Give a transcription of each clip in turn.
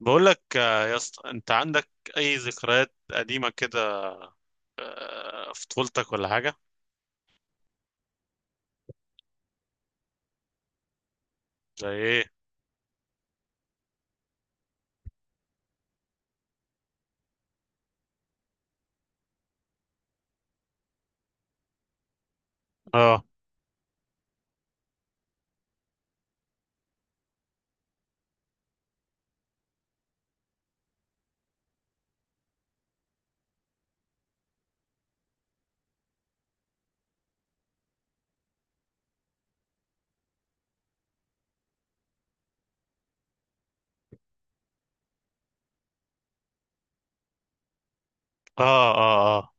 بقول لك يا اسطى انت عندك اي ذكريات قديمه كده. في طفولتك ولا حاجه؟ زي ايه؟ اه اه اه. اه.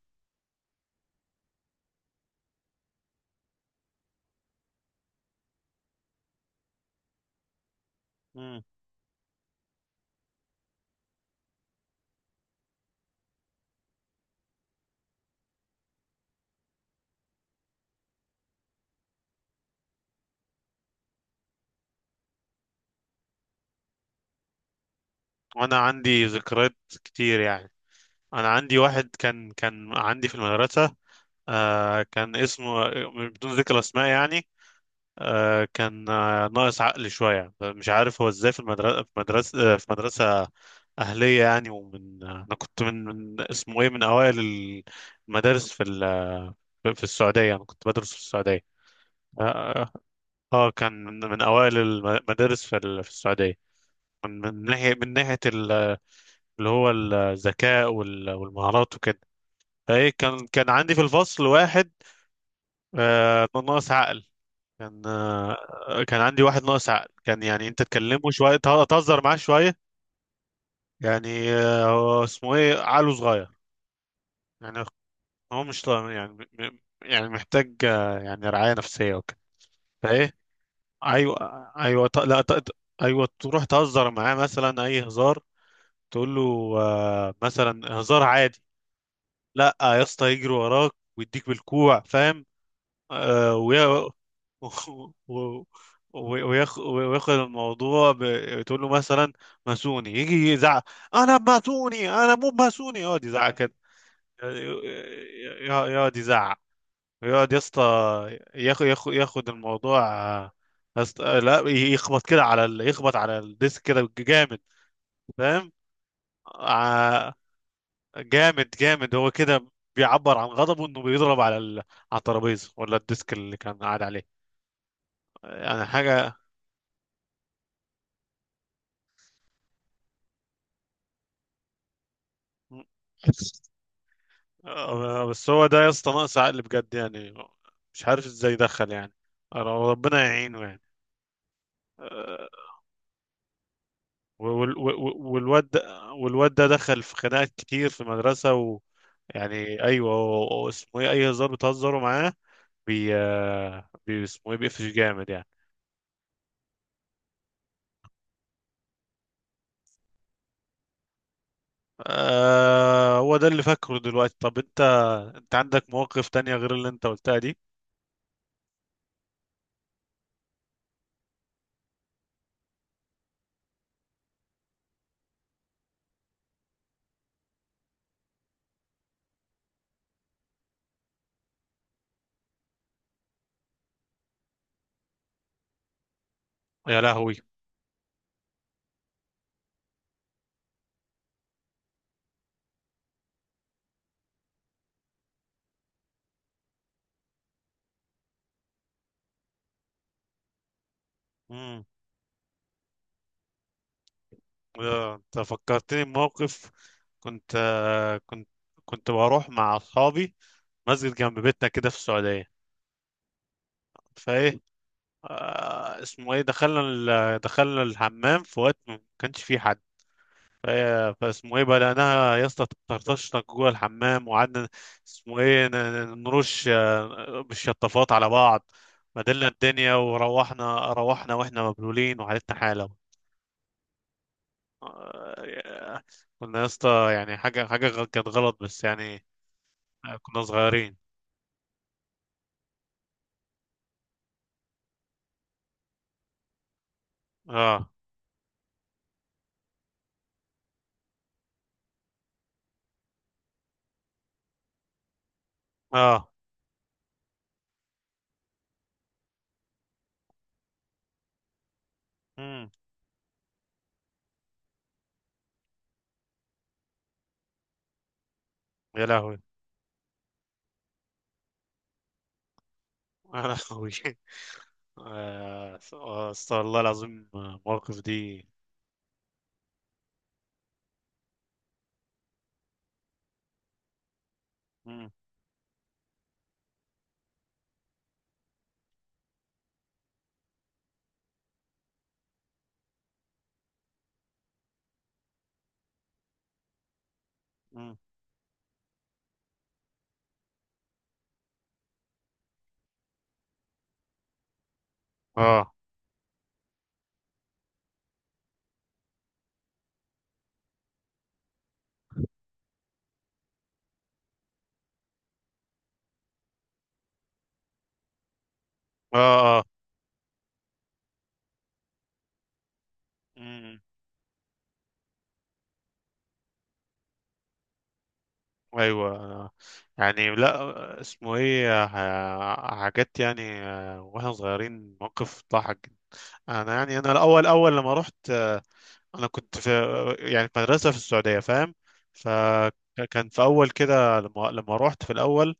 مم. وانا عندي ذكريات كتير يعني. انا عندي واحد كان عندي في المدرسه. آه كان اسمه، بدون ذكر اسماء يعني. آه كان، آه، ناقص عقل شويه. مش عارف هو ازاي في المدرسه، في مدرسه، في مدرسه اهليه يعني. ومن، انا كنت من، اسمه ايه، من اوائل المدارس في في السعودية. أنا كنت بدرس في السعودية. آه, آه. كان من أوائل المدارس في، في السعودية. من ناحية اللي هو الذكاء والمهارات وكده. فإيه، كان عندي في الفصل واحد آه ناقص عقل. كان، آه، كان عندي واحد ناقص عقل، كان يعني أنت تكلمه شوية تهزر معاه شوية. يعني آه هو اسمه إيه، عقله صغير يعني. هو مش يعني، يعني محتاج، يعني رعاية نفسية وكده. فإيه، ايوه. ايوه ط... لا ط... ط- ايوه. تروح تهزر معاه مثلا اي هزار، تقول له آه مثلا هزار عادي، لا يا اسطى يجري وراك ويديك بالكوع، فاهم؟ آه ويا... و... و- وياخد الموضوع تقول له مثلا ماسوني، يجي يزعق انا ماسوني انا مو ماسوني، يقعد يزعق كده. يقعد يزعق، يقعد يا اسطى ياخد ياخد الموضوع، آه، أست... آه، لا يخبط كده على يخبط على الديسك كده جامد، فاهم؟ آه، جامد جامد هو كده، بيعبر عن غضبه انه بيضرب على على الترابيزه ولا الديسك اللي كان قاعد عليه. يعني حاجه. آه، بس هو ده يا اسطى ناقص عقل بجد يعني. مش عارف ازاي دخل يعني. ربنا يعينه يعني. آه، وال- وال- والواد ده، والواد ده دخل في خناقات كتير في المدرسة. يعني ايوه، هو اسمه ايه، اي هزار بتهزروا معاه بي آه، بي اسمه ايه، بيقفش جامد يعني. آه هو ده اللي فاكره دلوقتي. طب انت، انت عندك مواقف تانية غير اللي انت قلتها دي؟ يا لهوي! امم. آه، انت فكرتني بموقف، كنت آه، كنت بروح مع اصحابي مسجد جنب بيتنا كده في السعودية. فايه، آه اسمه ايه، دخلنا الحمام في وقت ما كانش فيه حد. فاسمه ايه بلقناها يا اسطى تطرطشنا جوه الحمام، وقعدنا اسمه ايه نرش، آه، بالشطافات على بعض. مدلنا الدنيا، وروحنا روحنا واحنا مبلولين وحالتنا حاله. آه، كنا يا اسطى يعني حاجه، كانت غلط بس يعني. آه، كنا صغيرين. اه اه. امم. يا لهوي! يا لهوي! آه، استغفر الله العظيم. آه، المواقف دي. مم. مم. اه اه اه. مم. ايوه. يعني لا اسمه ايه، حاجات يعني، آه، واحنا صغيرين موقف ضحك جدا. انا يعني، انا الاول، اول لما رحت آه، انا كنت في، يعني في مدرسه في السعوديه فاهم. فكان في اول كده لما، لما رحت في الاول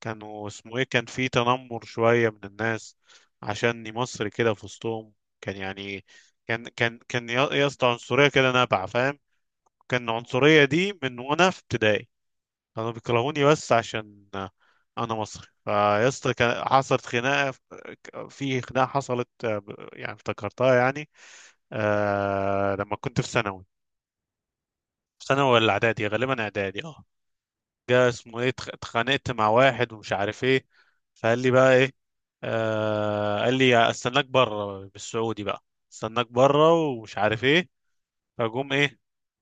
كانوا اسمه ايه، كان في تنمر شويه من الناس عشاني مصري كده في وسطهم. كان يعني، كان كان كان يا يا اسطى عنصريه كده نابعه فاهم. كان العنصريه دي من وانا في ابتدائي. كانوا بيكرهوني بس عشان انا مصري. فيا اسطى كان حصلت خناقه، في خناقه حصلت آه، يعني افتكرتها يعني. آه لما كنت في ثانوي، في ثانوي ولا اعدادي، غالبا اعدادي. اه جا اسمه ايه، اتخانقت مع واحد ومش عارف ايه. فقال لي بقى ايه، آه قال لي استناك بره بالسعودي بقى، استناك بره ومش عارف ايه. فجم ايه،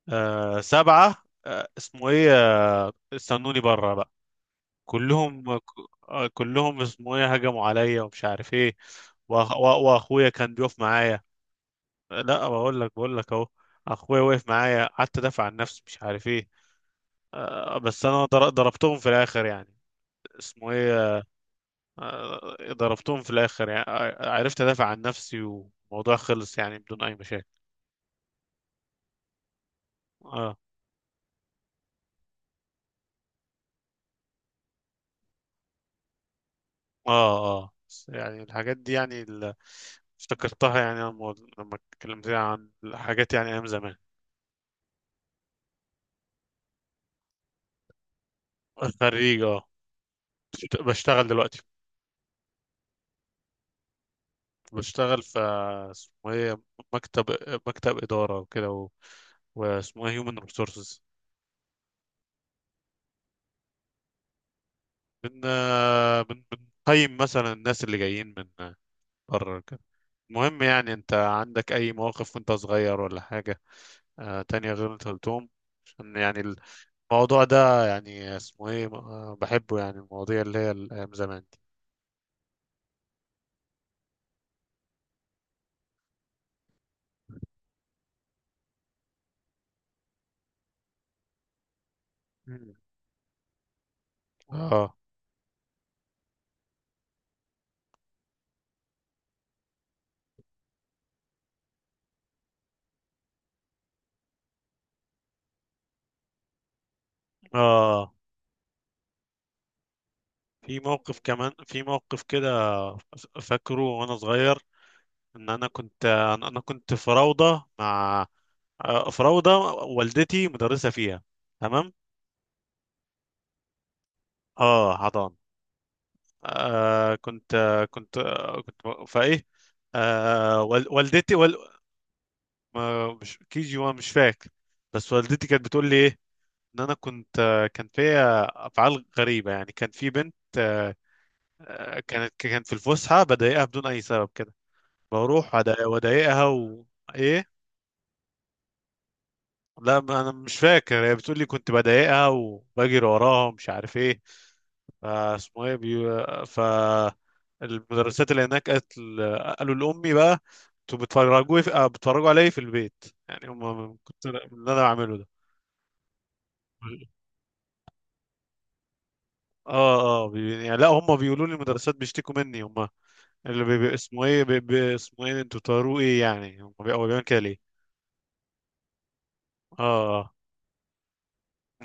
آه سبعه آه اسمه ايه، آه استنوني بره بقى. كلهم، آه، كلهم اسمه ايه هجموا عليا ومش عارف ايه. واخويا كان بيقف معايا. لا بقول لك، بقول لك اهو، اخويا وقف معايا، قعدت ادافع عن نفسي مش عارف ايه. آه، بس انا ضربتهم في الاخر يعني، اسمه ايه، آه، ضربتهم في الاخر يعني. آه، عرفت ادافع عن نفسي والموضوع خلص يعني بدون اي مشاكل. اه اه اه. بس يعني الحاجات دي يعني افتكرتها يعني لما، لما اتكلمت عن الحاجات يعني ايام زمان. خريج اه. بشتغل دلوقتي. بشتغل في، اسمه ايه، مكتب، مكتب إدارة وكده و... واسمه ايه human resources. بن بن بنقيم مثلا الناس اللي جايين من بره كده. المهم يعني انت عندك اي مواقف وانت صغير ولا حاجة آه تانية غير اللي انت قلتهم؟ عشان يعني الموضوع ده يعني اسمه ايه، آه، بحبه يعني المواضيع اللي هي ايام زمان دي. مم. اه اه. في موقف كمان، في موقف كده فاكره وانا صغير، ان انا كنت، أنا كنت في روضه مع، آه، في روضه والدتي مدرسه فيها، تمام؟ اه حضان. آه كنت، آه، كنت، آه، كنت، فايه، آه والدتي ما، مش KG1 مش فاكر. بس والدتي كانت بتقول لي ايه، ان انا كنت، آه، كان فيا افعال غريبه يعني. كان في بنت، آه، آه، كانت في الفسحه بضايقها بدون اي سبب كده. بروح واضايقها وايه. لا، ما انا مش فاكر، هي بتقول لي كنت بضايقها وبجري وراها ومش عارف ايه. فاسمه ايه فالمدرسات اللي هناك قالوا لامي بقى، انتوا بتفرجوا آه، بتفرجوا عليا في البيت يعني، هم كنت من اللي انا بعمله ده. اه اه يعني لا، هم بيقولوا لي المدرسات بيشتكوا مني هم. اللي اسمه ايه اسمه ايه، انتوا بتوروا ايه يعني، هم هو بيعمل كده ليه. اه. آه.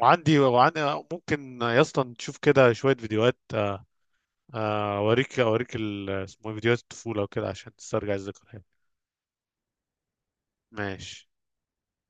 وعندي، وعندي، ممكن يا اسطى تشوف كده شويه فيديوهات، آه، آه، اوريك، اوريك اسمه إيه، فيديوهات الطفولة وكده عشان تسترجع الذكريات. ماشي.